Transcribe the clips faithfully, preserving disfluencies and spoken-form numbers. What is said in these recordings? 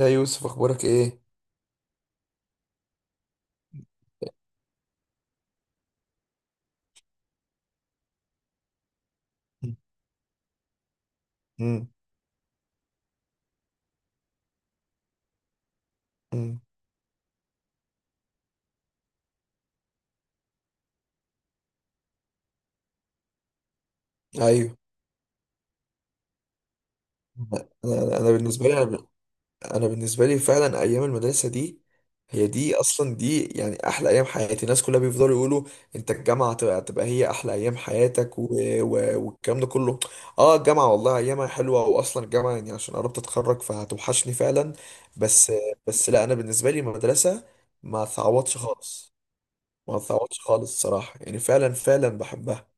يا يوسف، اخبارك ايه؟ مم. مم. ايوه. انا انا أنا بالنسبه لي انا ب- أنا بالنسبه لي فعلا ايام المدرسه دي، هي دي اصلا، دي يعني احلى ايام حياتي. الناس كلها بيفضلوا يقولوا انت الجامعه هتبقى هتبقى هي احلى ايام حياتك، و... و... والكلام ده كله. اه، الجامعه والله ايامها حلوه، واصلا الجامعه يعني عشان قربت اتخرج فهتوحشني فعلا. بس بس لا، انا بالنسبه لي المدرسه ما تعوضش خالص. ما تعوضش خالص صراحه، يعني فعلا فعلا بحبها.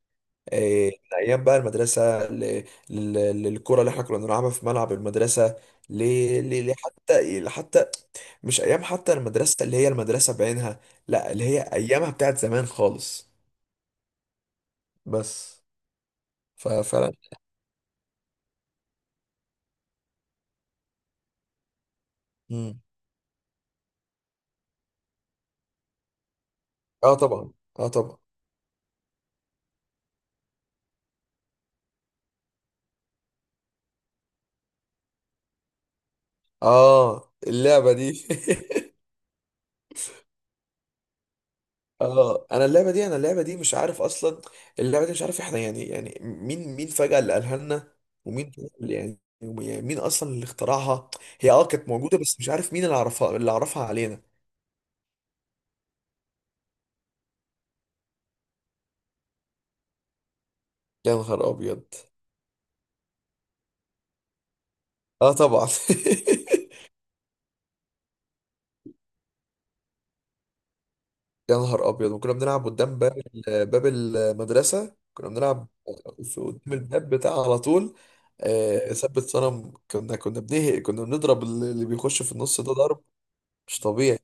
إيه، من ايام بقى المدرسه ل- ل- للكره اللي احنا كنا بنلعبها في ملعب المدرسه، ل- ل- ل- حتى حتى مش ايام حتى المدرسه اللي هي المدرسه بعينها، لا، اللي هي ايامها بتاعت زمان خالص. بس ففعلا. مم. اه طبعا، اه طبعا. اه، اللعبه دي. اه، انا اللعبه دي انا اللعبه دي مش عارف اصلا. اللعبه دي مش عارف احنا يعني يعني مين مين فجاه اللي قالها لنا، ومين اللي يعني يعني مين اصلا اللي اخترعها. هي اه كانت موجوده، بس مش عارف مين اللي عرفها اللي عرفها علينا. يا نهار ابيض. اه طبعا. يا نهار ابيض، وكنا بنلعب قدام باب، ال- باب المدرسه كنا بنلعب في، قدام الباب بتاع على طول. آه، ثبت صنم، كنا كنا بنهق، كنا بنضرب اللي بيخش في النص ده ضرب مش طبيعي.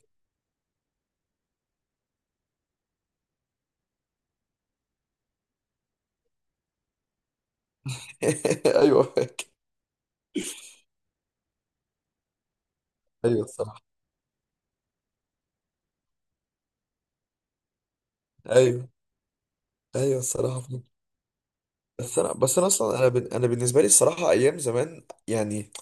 ايوه، ايوه الصراحه. ايوه، ايوه الصراحه فعلا. بس انا بس انا اصلا، انا بن- انا بالنسبه لي الصراحه ايام زمان يعني،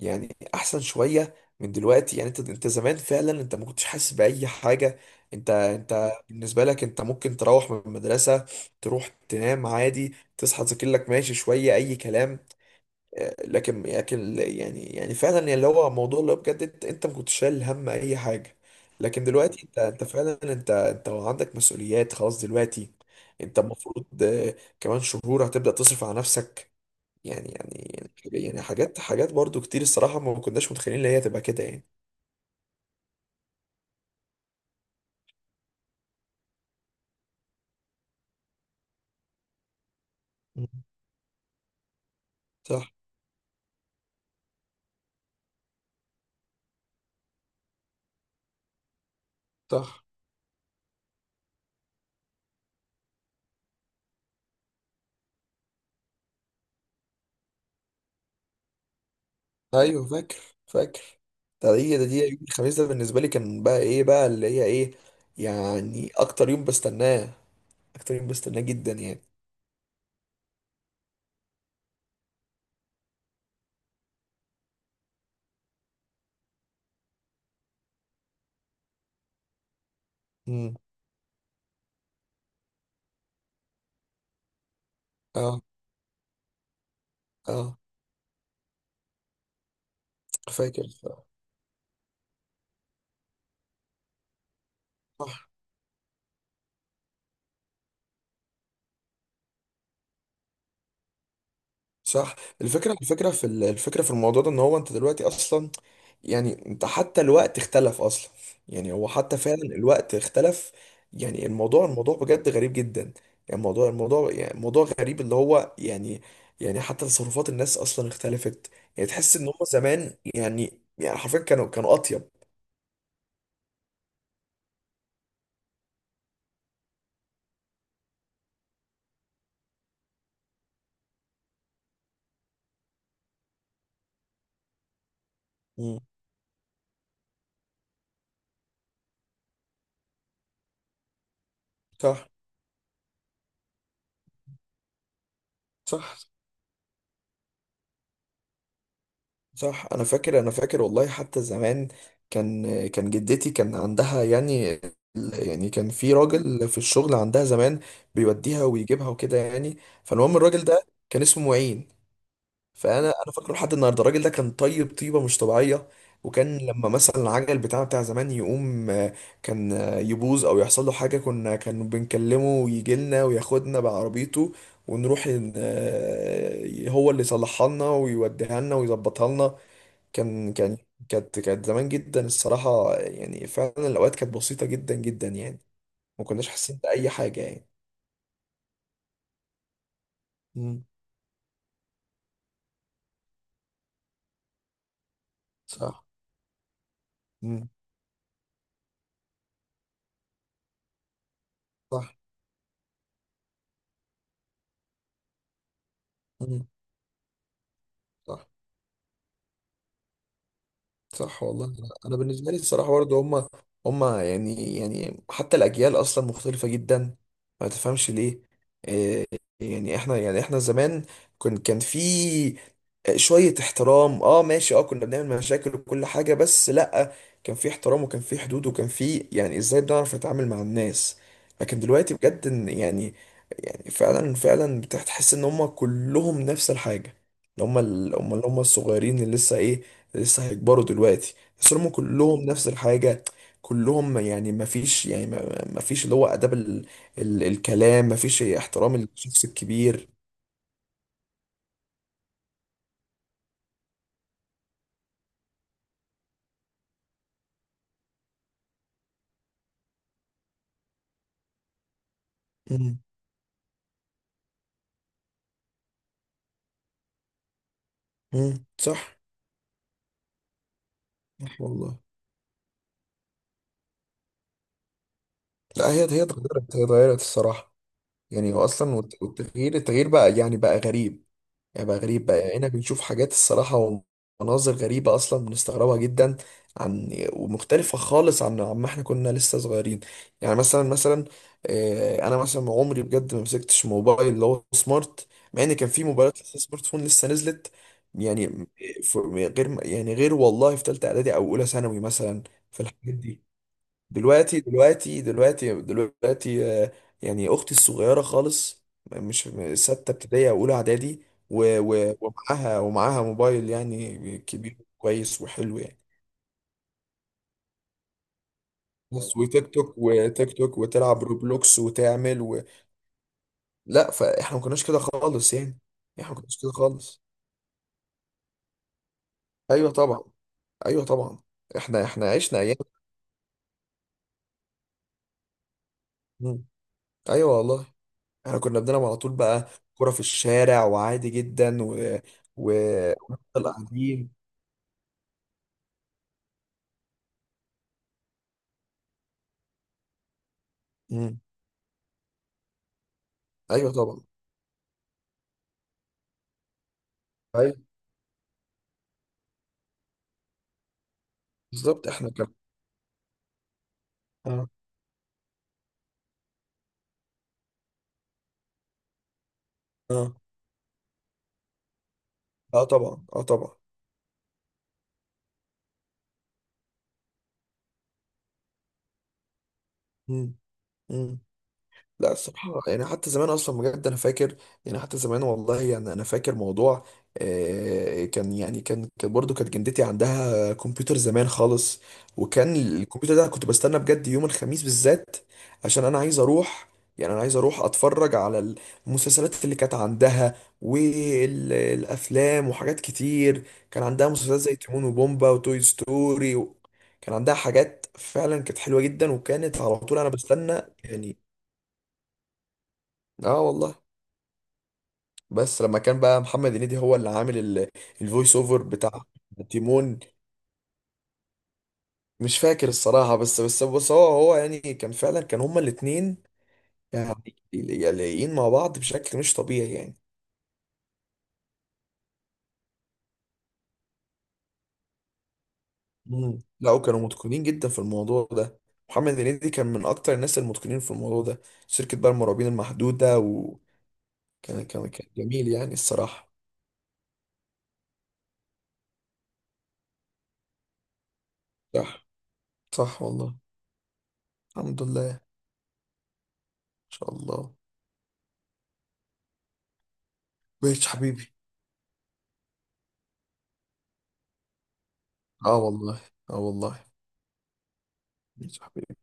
يعني احسن شويه من دلوقتي. يعني انت انت زمان فعلا انت ما كنتش حاسس باي حاجه. انت انت بالنسبه لك، انت ممكن تروح من المدرسه، تروح تنام عادي، تصحى تذاكر لك ماشي شويه اي كلام. لكن لكن يعني يعني فعلا يعني اللي هو موضوع اللي هو بجد، انت انت ما كنتش شايل هم اي حاجه. لكن دلوقتي انت انت فعلا انت انت عندك مسؤوليات خلاص دلوقتي. انت المفروض آه، كمان شهور هتبدا تصرف على نفسك. يعني يعني يعني يعني حاجات حاجات برضو كتير الصراحه، ما كناش متخيلين ان هي تبقى كده يعني. مم. صح. صح. ايوه، فاكر، فاكر. ده هي ده دي يوم الخميس ده بالنسبه لي كان بقى ايه بقى اللي هي ايه. يعني اكتر يوم بستناه، اكتر يوم بستناه جدا يعني. امم. اه. اه، فاكر. صح. صح. الفكره الفكره في ال- الفكره في الموضوع ده، ان هو انت دلوقتي اصلا، يعني انت حتى الوقت اختلف اصلا. يعني هو حتى فعلا الوقت اختلف. يعني الموضوع الموضوع بجد غريب جدا يعني. الموضوع الموضوع يعني موضوع غريب اللي هو يعني يعني حتى تصرفات الناس اصلا اختلفت. يعني تحس ان هم زمان يعني يعني حرفيا كانوا كانوا اطيب. مم. صح. صح. صح انا فاكر، انا فاكر والله حتى زمان. كان كان جدتي كان عندها يعني، يعني كان في راجل في الشغل عندها زمان بيوديها ويجيبها وكده يعني. فالمهم الراجل ده كان اسمه معين، فانا انا فاكره لحد النهارده. الراجل ده كان طيب، طيبه مش طبيعيه. وكان لما مثلا العجل بتاعه بتاع زمان يقوم آه، كان آه، يبوظ او يحصل له حاجه، كنا كان بنكلمه ويجي لنا وياخدنا بعربيته، ونروح ن- آه، هو اللي يصلحها لنا ويوديها لنا ويظبطها لنا. كان كان كانت كانت زمان جدا الصراحة، يعني فعلا الأوقات كانت بسيطة جدا جدا يعني. ما كناش حاسين بأي حاجة يعني. امم. صح. امم. صح. امم. صح. صح والله، انا أنا بالنسبه لي الصراحه برضه هم هم يعني يعني حتى الاجيال اصلا مختلفه جدا. ما تفهمش ليه. إيه، يعني احنا يعني احنا زمان كان كان في شويه احترام، اه ماشي، اه كنا بنعمل مشاكل وكل حاجه، بس لا، كان في احترام وكان في حدود، وكان في، يعني ازاي بنعرف نتعامل مع الناس. لكن دلوقتي بجد إن يعني يعني فعلا فعلا بتحس ان هم كلهم نفس الحاجه. اللي هم اللي هم اللي هم الصغيرين اللي لسه ايه، لسه هيكبروا دلوقتي. بس هم كلهم نفس الحاجة، كلهم يعني ما فيش، يعني ما ما فيش اللي هو آداب، ال... ال... الكلام، ما فيش احترام الشخص الكبير. مم. مم. صح. صح والله. لا، هي هي اتغيرت، هي اتغيرت الصراحة. يعني هو أصلا والت- والتغيير التغيير بقى يعني بقى غريب، يعني بقى غريب بقى، يعني هنا بنشوف حاجات الصراحة ومناظر غريبة أصلا بنستغربها جدا، عن ومختلفة خالص عن عما احنا كنا لسه صغيرين. يعني مثلا، مثلا آه، أنا مثلا عمري بجد ما مسكتش موبايل اللي هو سمارت، مع إن كان في موبايلات لسه سمارت فون لسه نزلت يعني. آه، ف- غير يعني غير والله في تالتة إعدادي أو أولى ثانوي مثلا في الحاجات دي. دلوقتي دلوقتي دلوقتي دلوقتي آه، يعني اختي الصغيره خالص، مش سته ابتدائي او اولى اعدادي، و- و- ومعاها ومعاها موبايل يعني كبير كويس وحلو يعني. بس، وتيك توك، وتيك توك وتلعب روبلوكس وتعمل و... لا، فاحنا ما كناش كده خالص يعني. احنا ما كناش كده خالص. ايوه طبعا. ايوه طبعا. احنا احنا عشنا ايام. مم. ايوه والله. احنا كنا بنلعب على طول بقى كرة في الشارع وعادي جدا و... وقاعدين. ايوه طبعا. ايوه بالظبط. احنا كان. اه. اه. اه طبعا. اه طبعا. مم. مم. لا، الصراحة يعني حتى زمان أصلا بجد أنا فاكر. يعني حتى زمان والله، يعني أنا فاكر موضوع، آه، كان يعني كان كان برضه كانت جدتي عندها كمبيوتر زمان خالص. وكان الكمبيوتر ده كنت بستنى بجد يوم الخميس بالذات عشان أنا عايز أروح، يعني أنا عايز أروح أتفرج على المسلسلات اللي كانت عندها والأفلام وحاجات كتير. كان عندها مسلسلات زي تيمون وبومبا وتوي ستوري و... كان عندها حاجات فعلا كانت حلوة جدا، وكانت على طول أنا بستنى يعني. اه والله. بس لما كان بقى محمد هنيدي هو اللي عامل الفويس اوفر بتاع تيمون. مش فاكر الصراحة، بس بس بس هو هو يعني كان فعلا، كان هما الاتنين يعني لايقين مع بعض بشكل مش طبيعي يعني. مم. لا، وكانوا متقنين جدا في الموضوع ده. محمد هنيدي كان من اكتر الناس المتقنين في الموضوع ده. شركة بقى المرعبين المحدودة، وكان كان كان جميل يعني الصراحة. صح. صح والله. الحمد لله ان شاء الله. ماشي حبيبي. اه والله. اه والله. ماشي حبيبي.